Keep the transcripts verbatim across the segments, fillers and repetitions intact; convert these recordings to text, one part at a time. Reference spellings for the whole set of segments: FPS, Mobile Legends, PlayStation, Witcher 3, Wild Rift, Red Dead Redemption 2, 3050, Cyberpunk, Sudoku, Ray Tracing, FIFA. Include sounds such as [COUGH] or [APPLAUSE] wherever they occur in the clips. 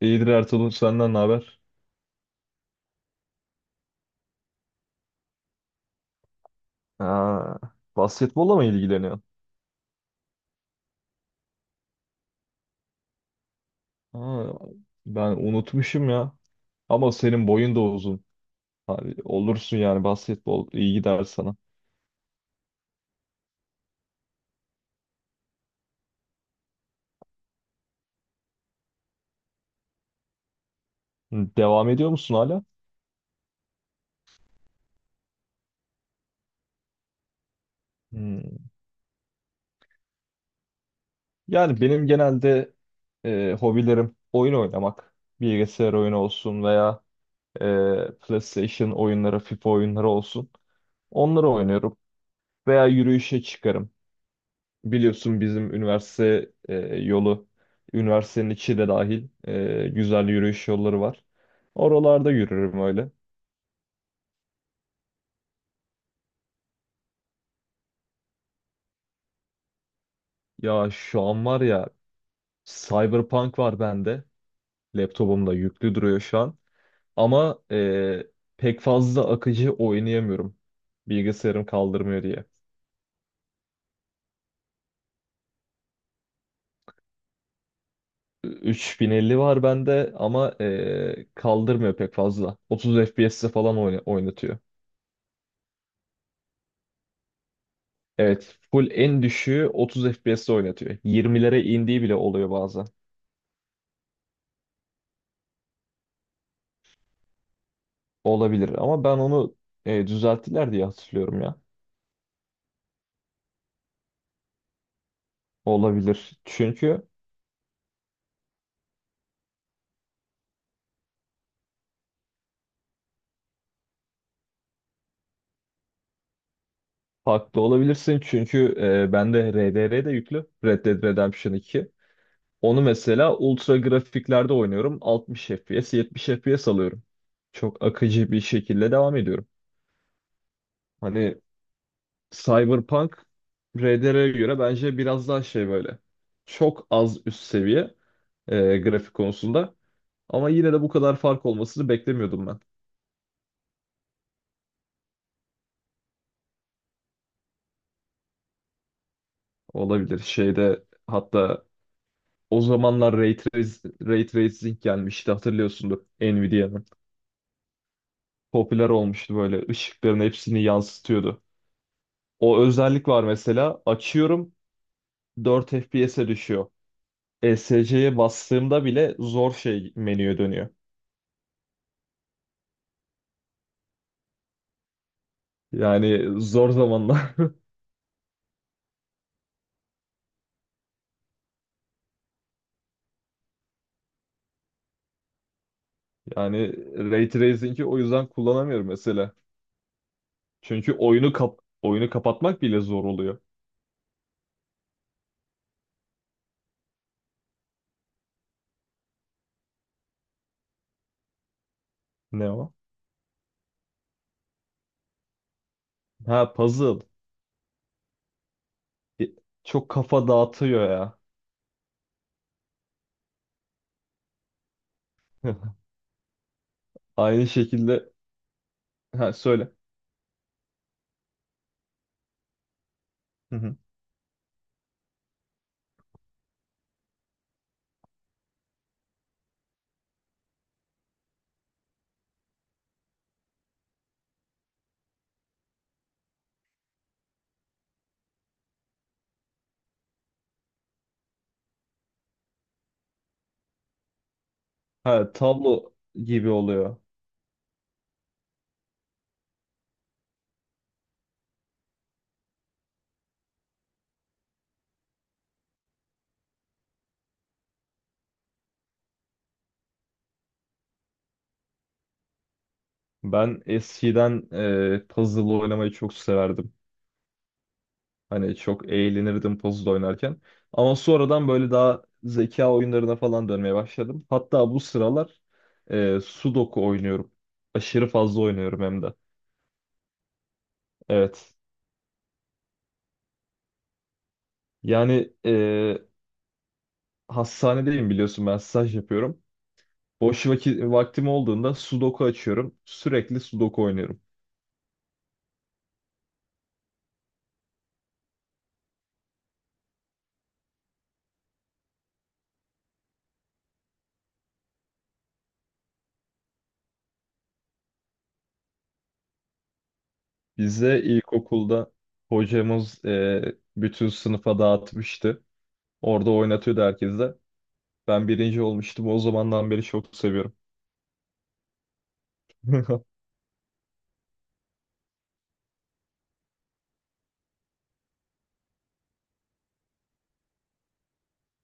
İyidir Ertuğrul senden ne haber? Ha, Basketbolla mı ilgileniyorsun? Aa, Ben unutmuşum ya. Ama senin boyun da uzun. Hani olursun yani basketbol iyi gider sana. Hı, Devam ediyor musun hala? Hmm. Yani benim genelde e, hobilerim oyun oynamak. Bilgisayar oyunu olsun veya e, PlayStation oyunları, FIFA oyunları olsun. Onları oynuyorum. Veya yürüyüşe çıkarım. Biliyorsun bizim üniversite e, yolu, üniversitenin içi de dahil e, güzel yürüyüş yolları var. Oralarda yürürüm öyle. Ya şu an var ya, Cyberpunk var bende. Laptopumda yüklü duruyor şu an. Ama e, pek fazla akıcı oynayamıyorum. Bilgisayarım kaldırmıyor diye. otuz elli var bende ama e, kaldırmıyor pek fazla. otuz F P S'te falan oyna- oynatıyor. Evet, full en düşüğü otuz F P S'te oynatıyor. yirmilere indiği bile oluyor bazen. Olabilir ama ben onu e, düzelttiler diye hatırlıyorum ya. Olabilir. Çünkü farklı olabilirsin. Çünkü e, bende R D R de yüklü. Red Dead Redemption iki. Onu mesela ultra grafiklerde oynuyorum. altmış F P S, yetmiş F P S alıyorum. Çok akıcı bir şekilde devam ediyorum. Hani Cyberpunk R D R'ye göre bence biraz daha şey böyle. Çok az üst seviye. E, grafik konusunda. Ama yine de bu kadar fark olmasını beklemiyordum ben. Olabilir. Şeyde hatta o zamanlar Ray, Trac- Ray Tracing gelmişti, hatırlıyorsundur Nvidia'nın. Popüler olmuştu böyle, ışıkların hepsini yansıtıyordu. O özellik var mesela, açıyorum dört F P S'e düşüyor. E S C'ye bastığımda bile zor şey menüye dönüyor. Yani zor zamanlar. [LAUGHS] Yani Ray Tracing'i o yüzden kullanamıyorum mesela. Çünkü oyunu kap oyunu kapatmak bile zor oluyor. Ne o? Ha, puzzle. E, çok kafa dağıtıyor ya. [LAUGHS] Aynı şekilde ha, söyle. Hı hı. Ha, tablo gibi oluyor. Ben eskiden e, puzzle oynamayı çok severdim. Hani çok eğlenirdim puzzle oynarken. Ama sonradan böyle daha zeka oyunlarına falan dönmeye başladım. Hatta bu sıralar e, Sudoku oynuyorum. Aşırı fazla oynuyorum hem de. Evet. Yani e, hastanedeyim, biliyorsun ben staj yapıyorum. Boş vakit, vaktim olduğunda sudoku açıyorum. Sürekli sudoku oynuyorum. Bize ilkokulda hocamız e, bütün sınıfa dağıtmıştı. Orada oynatıyordu herkese. Ben birinci olmuştum. O zamandan beri çok seviyorum. [LAUGHS]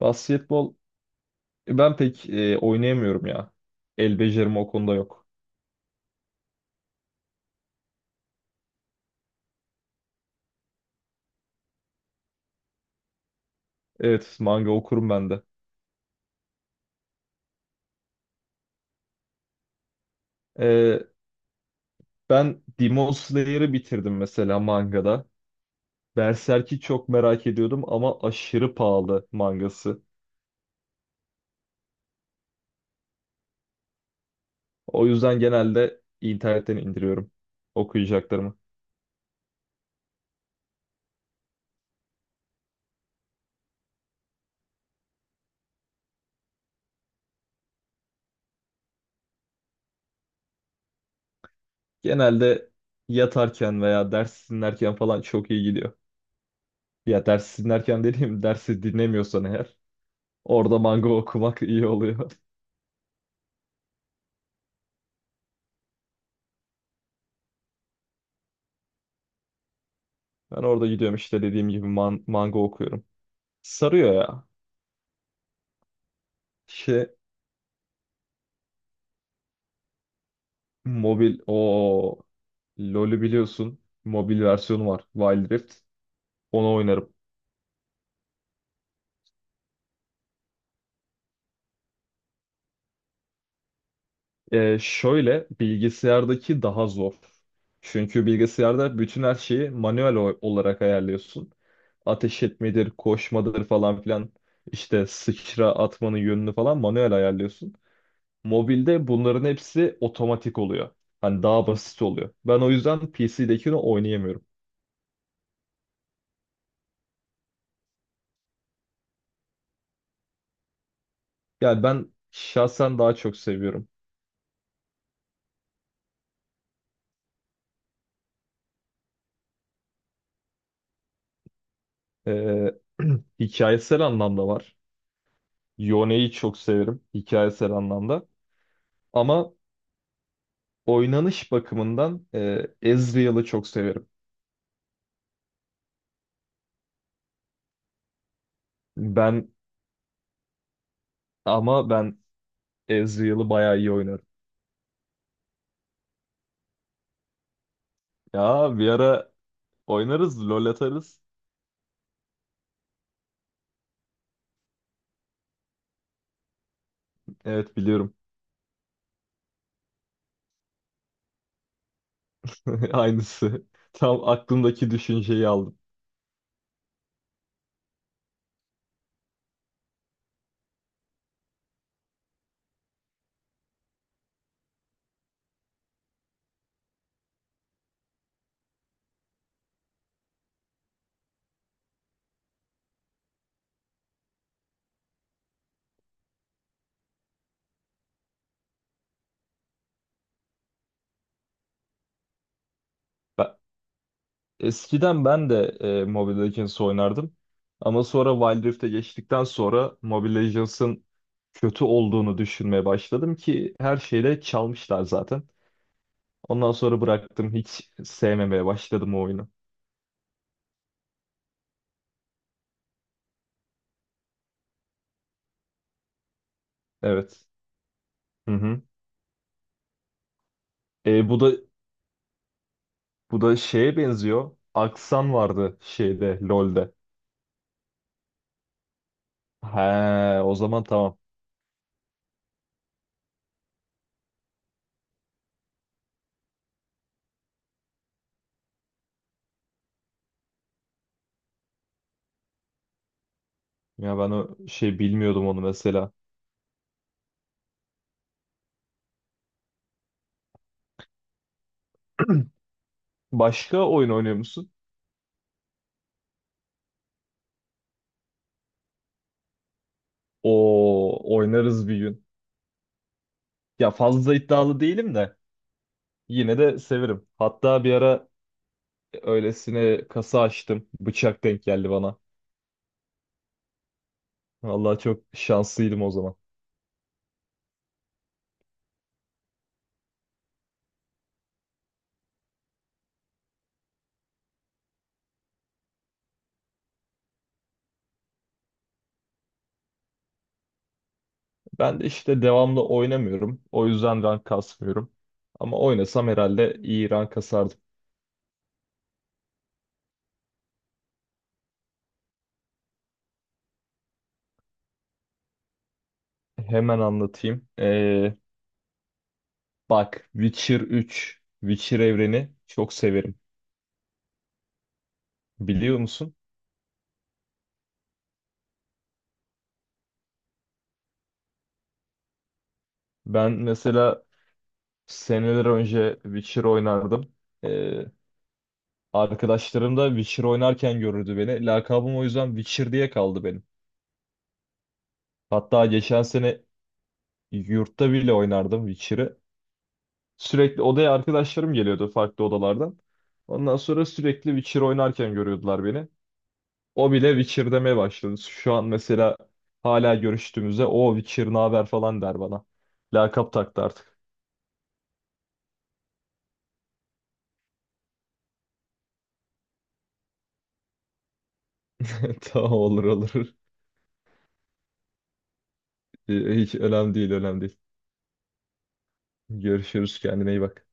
Basketbol e, ben pek e, oynayamıyorum ya. El becerim o konuda yok. Evet, manga okurum ben de. E, Ben Demon Slayer'ı bitirdim mesela mangada. Berserk'i çok merak ediyordum ama aşırı pahalı mangası. O yüzden genelde internetten indiriyorum okuyacaklarımı. Genelde yatarken veya ders dinlerken falan çok iyi gidiyor. Ya ders dinlerken dediğim, dersi dinlemiyorsan eğer orada manga okumak iyi oluyor. [LAUGHS] Ben orada gidiyorum işte, dediğim gibi man- manga okuyorum. Sarıyor ya. İşte mobil o LoL'ü biliyorsun. Mobil versiyonu var, Wild Rift. Onu oynarım. Ee, şöyle, bilgisayardaki daha zor. Çünkü bilgisayarda bütün her şeyi manuel o- olarak ayarlıyorsun. Ateş etmedir, koşmadır falan filan. İşte sıçra atmanın yönünü falan manuel ayarlıyorsun. Mobilde bunların hepsi otomatik oluyor. Hani daha basit oluyor. Ben o yüzden P C'dekini oynayamıyorum. Yani ben şahsen daha çok seviyorum. Ee, [CLEARS THROAT] hikayesel anlamda var. Yone'yi çok severim hikayesel anlamda. Ama oynanış bakımından e, Ezreal'ı çok severim. Ben ama ben Ezreal'ı bayağı iyi oynarım. Ya bir ara oynarız, LoL atarız. Evet, biliyorum. [LAUGHS] Aynısı. Tam aklımdaki düşünceyi aldım. Ben, Eskiden ben de e, Mobile Legends oynardım. Ama sonra Wild Rift'e geçtikten sonra Mobile Legends'ın kötü olduğunu düşünmeye başladım, ki her şeyle çalmışlar zaten. Ondan sonra bıraktım. Hiç sevmemeye başladım o oyunu. Evet. Hı hı. E, bu da Bu da şeye benziyor. Aksan vardı şeyde, LoL'de. He, o zaman tamam. Ya ben o şey bilmiyordum onu mesela. [CLEARS THROAT] Başka oyun oynuyor musun? O oynarız bir gün. Ya fazla iddialı değilim de yine de severim. Hatta bir ara öylesine kasa açtım. Bıçak denk geldi bana. Vallahi çok şanslıydım o zaman. Ben de işte devamlı oynamıyorum. O yüzden rank kasmıyorum. Ama oynasam herhalde iyi rank kasardım. Hemen anlatayım. Ee, bak, Witcher üç, Witcher evreni çok severim. Biliyor musun? Ben mesela seneler önce Witcher oynardım. Ee, arkadaşlarım da Witcher oynarken görürdü beni. Lakabım o yüzden Witcher diye kaldı benim. Hatta geçen sene yurtta bile oynardım Witcher'ı. Sürekli odaya arkadaşlarım geliyordu farklı odalardan. Ondan sonra sürekli Witcher oynarken görüyordular beni. O bile Witcher demeye başladı. Şu an mesela hala görüştüğümüzde o Witcher ne haber falan der bana. Lakap taktı artık. [LAUGHS] Tamam, olur olur. Hiç önemli değil, önemli değil. Görüşürüz, kendine iyi bak.